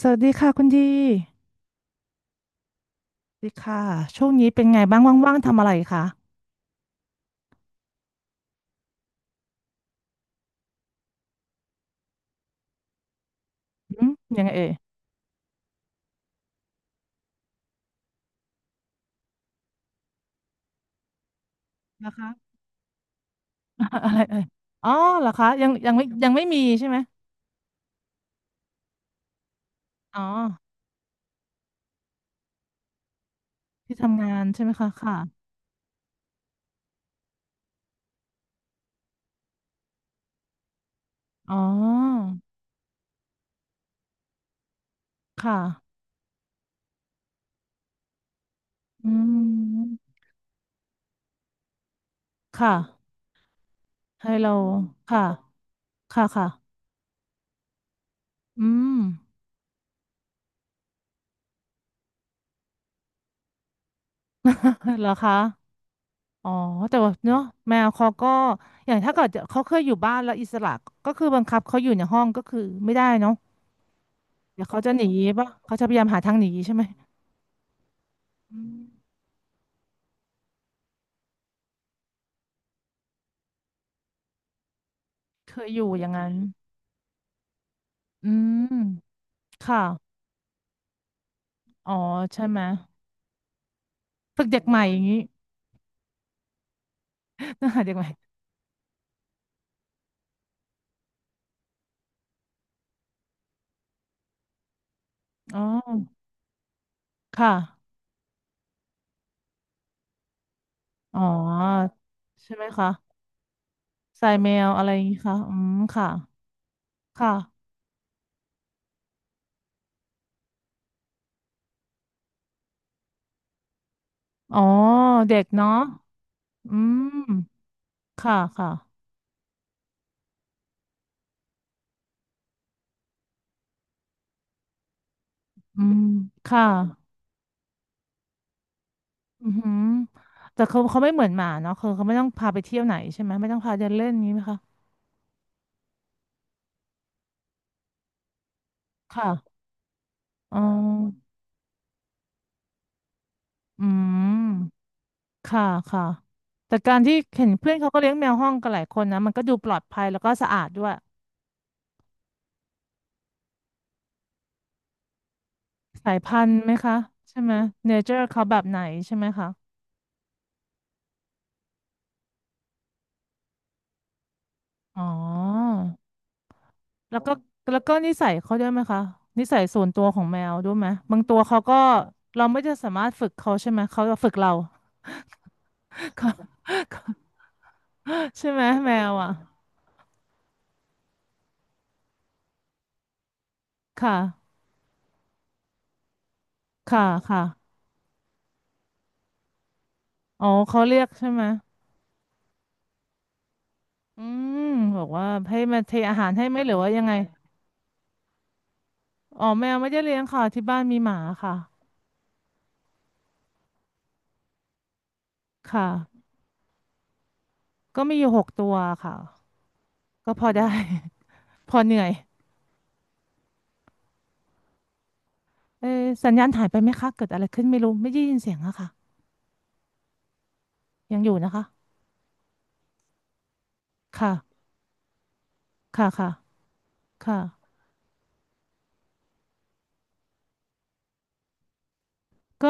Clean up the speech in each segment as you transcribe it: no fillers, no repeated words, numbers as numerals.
สวัสดีค่ะคุณดีสวัสดีค่ะช่วงนี้เป็นไงบ้างว่างๆทำอะไรคะอืมยังไงเอ่ยนะคะ อะไรเอ่ยอ๋อเหรอคะยังไม่มีใช่ไหมอ๋อที่ทำงานใช่ไหมคะค่ะอ๋อค่ะอืมค่ะให้เราค่ะค่ะค่ะอืม เหรอคะอ๋อแต่ว่าเนาะแมวเขาก็อย่างถ้าเกิดเขาเคยอยู่บ้านแล้วอิสระก็คือบังคับเขาอยู่ในห้องก็คือไม่ได้เนาะ เดี๋ยวเขาจะหนีป่ะเขาจะพยายามหาทางหนีใช่ไหมอืมเคยอยู่อย่างนั้นอืมค่ะอ๋อใช่ไหมฝึกเด็กใหม่อย่างนี้ ต้องหาเด็กใหม่อ๋อค่ะอ๋อใช่ไหมคะใส่แมวอะไรอย่างนี้คะอืมค่ะค่ะอ๋อเด็กเนาะอืมค่ะค่ะอืมค่ะอือหือแต่เขาไม่เหมือนหมาเนาะคือเขาไม่ต้องพาไปเที่ยวไหนใช่ไหมไม่ต้องพาเดินเล่นนี้ไหมคะค่ะอ๋ออืม ค่ะ ค่ะ แต่การที่เห็นเพื่อนเขาก็เลี้ยงแมวห้องกันหลายคนนะ มันก็ดูปลอดภัยแล้วก็สะอาดด้วยสายพันธุ์ไหมคะ ใช่ไหมเนเจอร์เขาแบบไหนใช่ไหมคะ อ๋อ แล้วก็แล้วก็นิสัยเขาด้วยไหมคะ นิสัยส่วนตัวของแมวด้วยไหมบางตัวเขาก็เราไม่จะสามารถฝึกเขาใช่ไหมเขาจะฝึกเรา ใช่ไหมแมวอ่ะค่ะ ค่ะ ค่ะอ๋อเขาเรียกใช่ไหมอืมบอกว่าให้มาเทอาหารให้ไหมหรือว่ายังไงอ๋อแมวไม่ได้เลี้ยงค่ะที่บ้านมีหมาค่ะ ค่ะก็มีอยู่หกตัวค่ะก็พอได้ พอเหนื่อยเออสัญญาณหายไปไหมคะเกิดอะไรขึ้นไม่รู้ไม่ได้ยินเสียงอะค่ะยังอยู่นะคะค่ะค่ะค่ะค่ะก็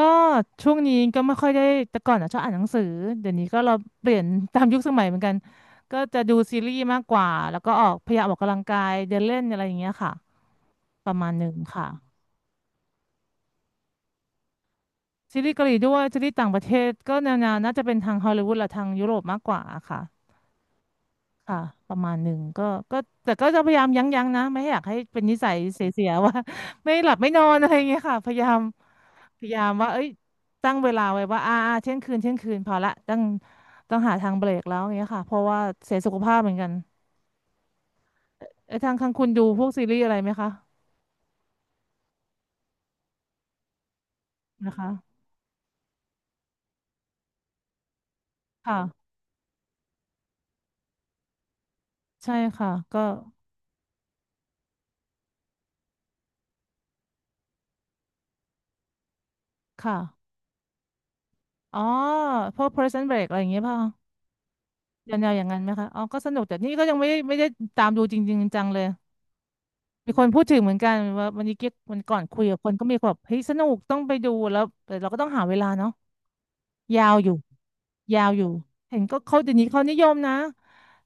ช่วงนี้ก็ไม่ค่อยได้แต่ก่อนอะชอบอ่านหนังสือเดี๋ยวนี้ก็เราเปลี่ยนตามยุคสมัยเหมือนกันก็จะดูซีรีส์มากกว่าแล้วก็ออกพยายามออกกำลังกายเดินเล่นอะไรอย่างเงี้ยค่ะประมาณหนึ่งค่ะซีรีส์เกาหลีด้วยซีรีส์ต่างประเทศก็แนวๆน่าจะเป็นทางฮอลลีวูดหรือทางยุโรปมากกว่าค่ะ ค่ะประมาณหนึ่งก็แต่ก็จะพยายามยั้งยั้งนะไม่อยากให้เป็นนิสัยเสียๆ ว่า ไม่หลับไม่นอนอะไรอย่างเงี้ยค่ะพยายามพยายามว่าเอ้ยตั้งเวลาไว้ว่าเที่ยงคืนเที่ยงคืนพอละต้องหาทางเบรกแล้วอย่างเงี้ยค่ะเพราะว่าเสียสุขภาพเหมือนกันเอ้ยทางข้างคุณดูพวกซีรีส์อะไรไหมคะนะคะค่ะใช่ค่ะก็ค่ะอ๋อพวก Prison Break อะไรอย่างเงี้ยเปล่ะแนวๆอย่างนั้นไหมคะอ๋อก็สนุกแต่นี่ก็ยังไม่ได้ตามดูจริงๆจังเลย มีคนพูดถึงเหมือนกันว่าวันนี้เก๊กวันก่อนคุยกับคนก็มีคนแบบเฮ้ยสนุกต้องไปดูแล้วแต่เราก็ต้องหาเวลาเนาะยาวอยู่ยาวอยู่เห็นก็เขาเดี๋ยวนี้เขานิยมนะ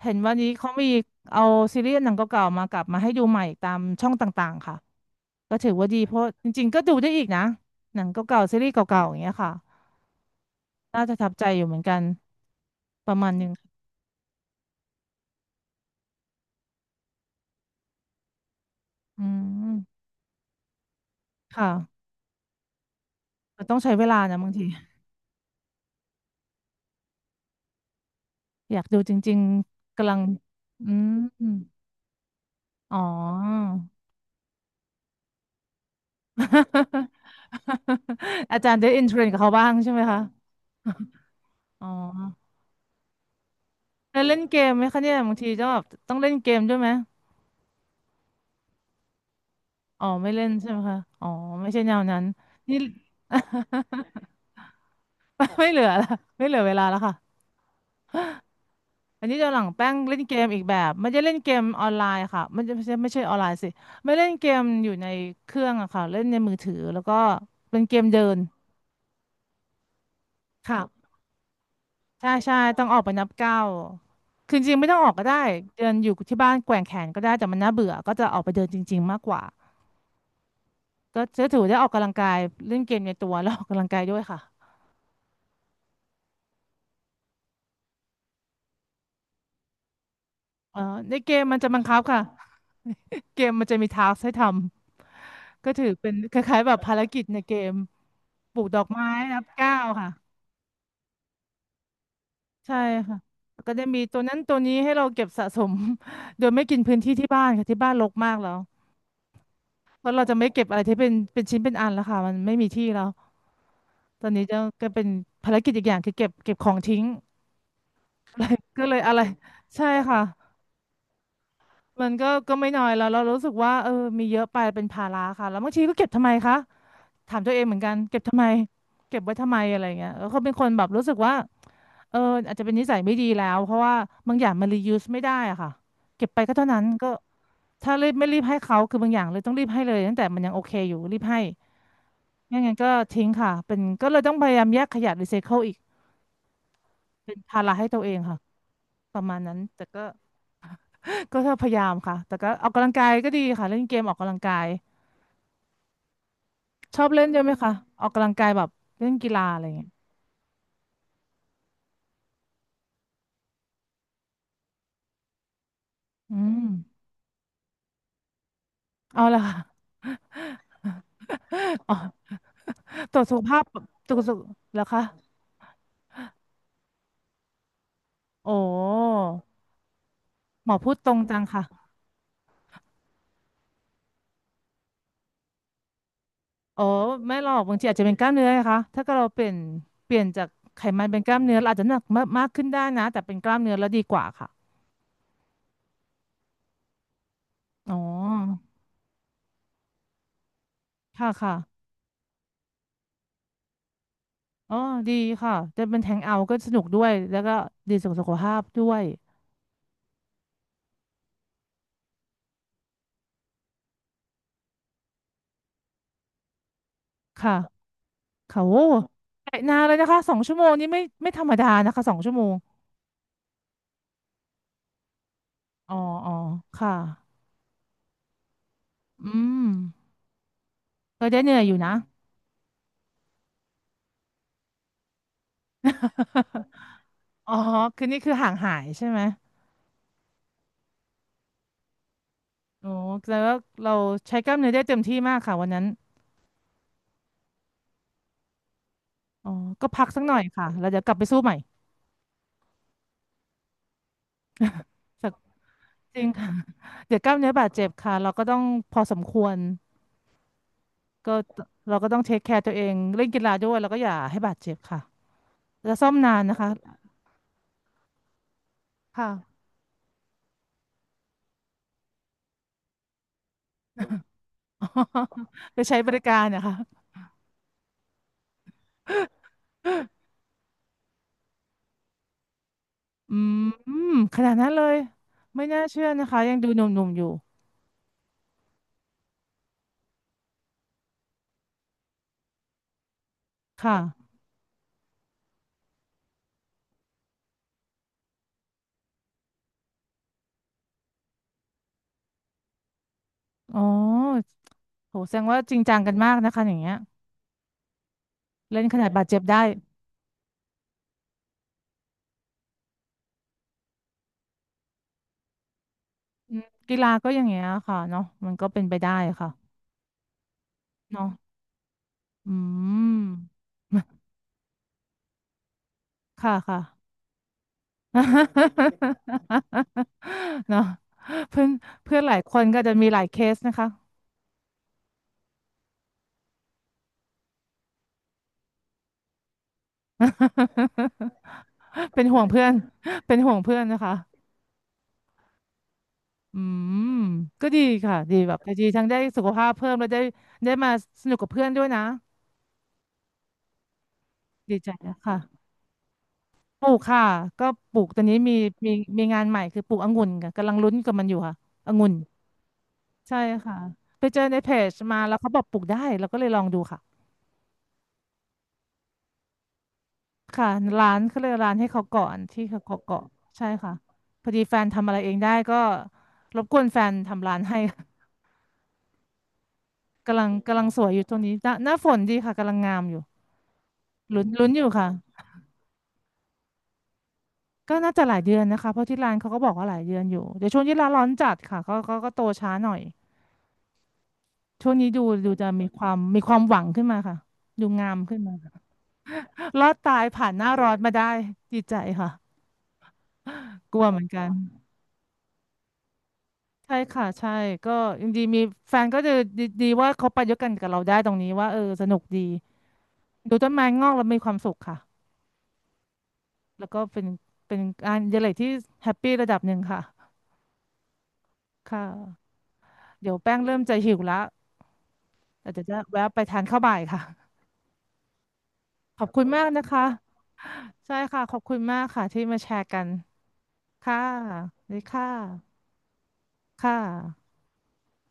เห็นวันนี้เขามีเอาซีรีส์หนังเก่าๆมากลับมาให้ดูใหม่ตามช่องต่างๆค่ะก็ถือว่าดีเพราะจริงๆก็ดูได้อีกนะหนังเก่าๆซีรีส์เก่าๆอย่างเงี้ยค่ะน่าจะทับใจอยู่เหมือนกันประมาณหนึ่งอืมค่ะแต่ต้องใช้เวลานะบางทีอยากดูจริงๆกำลังอืม อ๋อ อาจารย์ได้อินเทรนกับเขาบ้างใช่ไหมคะอ๋อได้เล่นเกมไหมคะเนี่ยบางทีจะแบบต้องเล่นเกมด้วยไหมอ๋อไม่เล่นใช่ไหมคะอ๋อไม่ใช่แนวนั้นนี่ ไม่เหลือละไม่เหลือเวลาแล้วค่ะอันนี้จะหลังแป้งเล่นเกมอีกแบบม่นจะเล่นเกมออนไลน์ค่ะมันจะไม่ใช่ออนไลน์สิไม่เล่นเกมอยู่ในเครื่องอะค่ะเล่นในมือถือแล้วก็เป็นเกมเดินค่ะ ใช่ต้องออกไปนับเก้าวคือจริงๆไม่ต้องออกก็ได้เดินอยู่ที่บ้านแกว่งแขนก็ได้แต่มันน่าเบื่อก็จะออกไปเดินจริงๆมากกว่าก็จะถือได้ออกกำลังกายเล่นเกมในตัวแล้วออกกำลังกายด้วยค่ะเออในเกมมันจะบังคับค่ะเกมมันจะมีทาสให้ทำก็ถือเป็นคล้ายๆแบบภารกิจในเกมปลูกดอกไม้นับเก้าวค่ะใช่ค่ะแล้วก็จะมีตัวนั้นตัวนี้ให้เราเก็บสะสม โดยไม่กินพื้นที่ที่บ้านค่ะที่บ้านรกมากแล้วเพราะเราจะไม่เก็บอะไรที่เป็นชิ้นเป็นอันแล้วค่ะมันไม่มีที่แล้ว ตอนนี้จะก็เป็นภารกิจอีกอย่างคือเก็บของทิ้ง อะไรก็เลยอะไรใช่ค่ะมันก็ไม่น้อยแล้วเรารู้สึกว่าเออมีเยอะไปเป็นภาระค่ะแล้วบางทีก็เก็บทำไมคะถามตัวเองเหมือนกันเก็บทำไมเก็บไว้ทำไมอะไรเงี้ยแล้วก็เป็นคนแบบรู้สึกว่าเอออาจจะเป็นนิสัยไม่ดีแล้วเพราะว่าบางอย่างมัน reuse ไม่ได้อะค่ะเก็บไปก็เท่านั้นก็ถ้ารีบไม่รีบให้เขาคือบางอย่างเลยต้องรีบให้เลยตั้งแต่มันยังโอเคอยู่รีบให้ไม่งั้นก็ทิ้งค่ะเป็นก็เลยต้องพยายามแยกขยะรีไซเคิลอีก เป็นภาระให้ตัวเองค่ะประมาณนั้นแต่ก็ก็พยายามค่ะแต่ก็ออกกำลังกายก็ดีค่ะเล่นเกมออกกำลังกายชอบเล่นด้วยไหมคะออกกำลังกายแบบเล่นกีฬาอะไรอย่างเงี้ยอืมเอาละค่ะอ๋อตรวจสุขภาพตรวจสุขแล้วคะโอ้หมอพูดตรงจังค่ะอ๋อไม่หรอกบางทีอาจจะเป็นกล้ามเนื้อนะคะถ้าเกิดเราเปลี่ยนเปลี่ยนจากไขมันเป็นกล้ามเนื้อเราอาจจะหนักมากมากขึ้นได้นะแต่เป็นกล้ามเนื้อแล้วดีกว่าค่ะอ๋อค่ะค่ะ อ๋อ ดีค่ะจะเป็นแทงเอาท์ก็สนุกด้วย แล้วก็ดีสุขสุขภาพด้วย ค่ะเขาโอ้ไปนานเลยนะคะสองชั่วโมงนี้ไม่ไม่ธรรมดานะคะสองชั่วโมง อ๋ออ๋อค่ะ อืมก็ได้เหนื่อยอยู่นะ อ๋อ คือนี่คือห่างหายใช่ไหมโอ้แล้วาเราใช้กล้ามเนื้อได้เต็มที่มากค่ะวันนั้น อ๋อ ก็พักสักหน่อยค่ะแล้วเดี๋ยวกลับไปสู้ใหม่สักจริง ค่ะ เดี๋ยวกล้ามเนื้อบาดเจ็บค่ะเราก็ต้องพอสมควร ก็เราก็ต้องเทคแคร์ตัวเองเล่นกีฬาด้วยแล้วก็อย่าให้บาดเจ็บค่ะแล้วซ่อมนานนะคะค่ะ ไปใช้บริการนะคะอืมขนาดนั้นเลยไม่น่าเชื่อนะคะยังดูหนุ่มๆอยู่ค่ะอ๋อโหแสดงว่าจริงจังกันมากนะคะอย่างเงี้ยเล่นขนาดบาดเจ็บได้อืมกีฬาก็อย่างเงี้ยค่ะเนาะมันก็เป็นไปได้ค่ะเนาะอืม ค่ะค่ะ เนาะเพื่อนเพื่อนหลายคนก็จะมีหลายเคสนะคะ เป็นห่วงเพื่อนเป็นห่วงเพื่อนนะคะอืมก็ดีค่ะดีแบบดีทั้งได้สุขภาพเพิ่มแล้วได้ได้มาสนุกกับเพื่อนด้วยนะดีใจนะค่ะปลูกค่ะก็ปลูกตอนนี้มีมีมีงานใหม่คือปลูกองุ่นค่ะกำลังลุ้นกับมันอยู่ค่ะองุ่นใช่ค่ะไปเจอในเพจมาแล้วเขาบอกปลูกได้เราก็เลยลองดูค่ะ ค่ะร้านเขาเรียกร้านให้เขาก่อนที่เขาเกาะใช่ค่ะพอดีแฟนทำอะไรเองได้ก็รบกวนแฟนทำร้านให้ กำลังสวยอยู่ตรงนี้หน้าหน้าฝนดีค่ะกำลังงามอยู่ลุ้นอยู่ค่ะก็น่าจะหลายเดือนนะคะเพราะที่ร้านเขาก็บอกว่าหลายเดือนอยู่เดี๋ยวช่วงที่ร้านร้อนจัดค่ะก็โตช้าหน่อยช่วงนี้ดูดูจะมีความมีความหวังขึ้นมาค่ะดูงามขึ้นมาค่ะรอดตายผ่านหน้าร้อนมาได้ดีใจค่ะกลัวเหมือนกัน ใช่ค่ะใช่ก็ยังดีมีแฟนก็จะดีดีว่าเขาไปด้วยกันกับเราได้ตรงนี้ว่าเออสนุกดีดูต้นไม้งอกแล้วมีความสุขค่ะแล้วก็เป็นเป็นงานอดิเรกที่แฮปปี้ระดับหนึ่งค่ะค่ะเดี๋ยวแป้งเริ่มจะหิวละแต่เดี๋ยวจะแวะไปทานข้าวบ่ายค่ะขอบคุณมมากนะคะใช่ค่ะขอบคุณมากค่ะที่มาแชร์กันค่ะดีค่ะค่ะ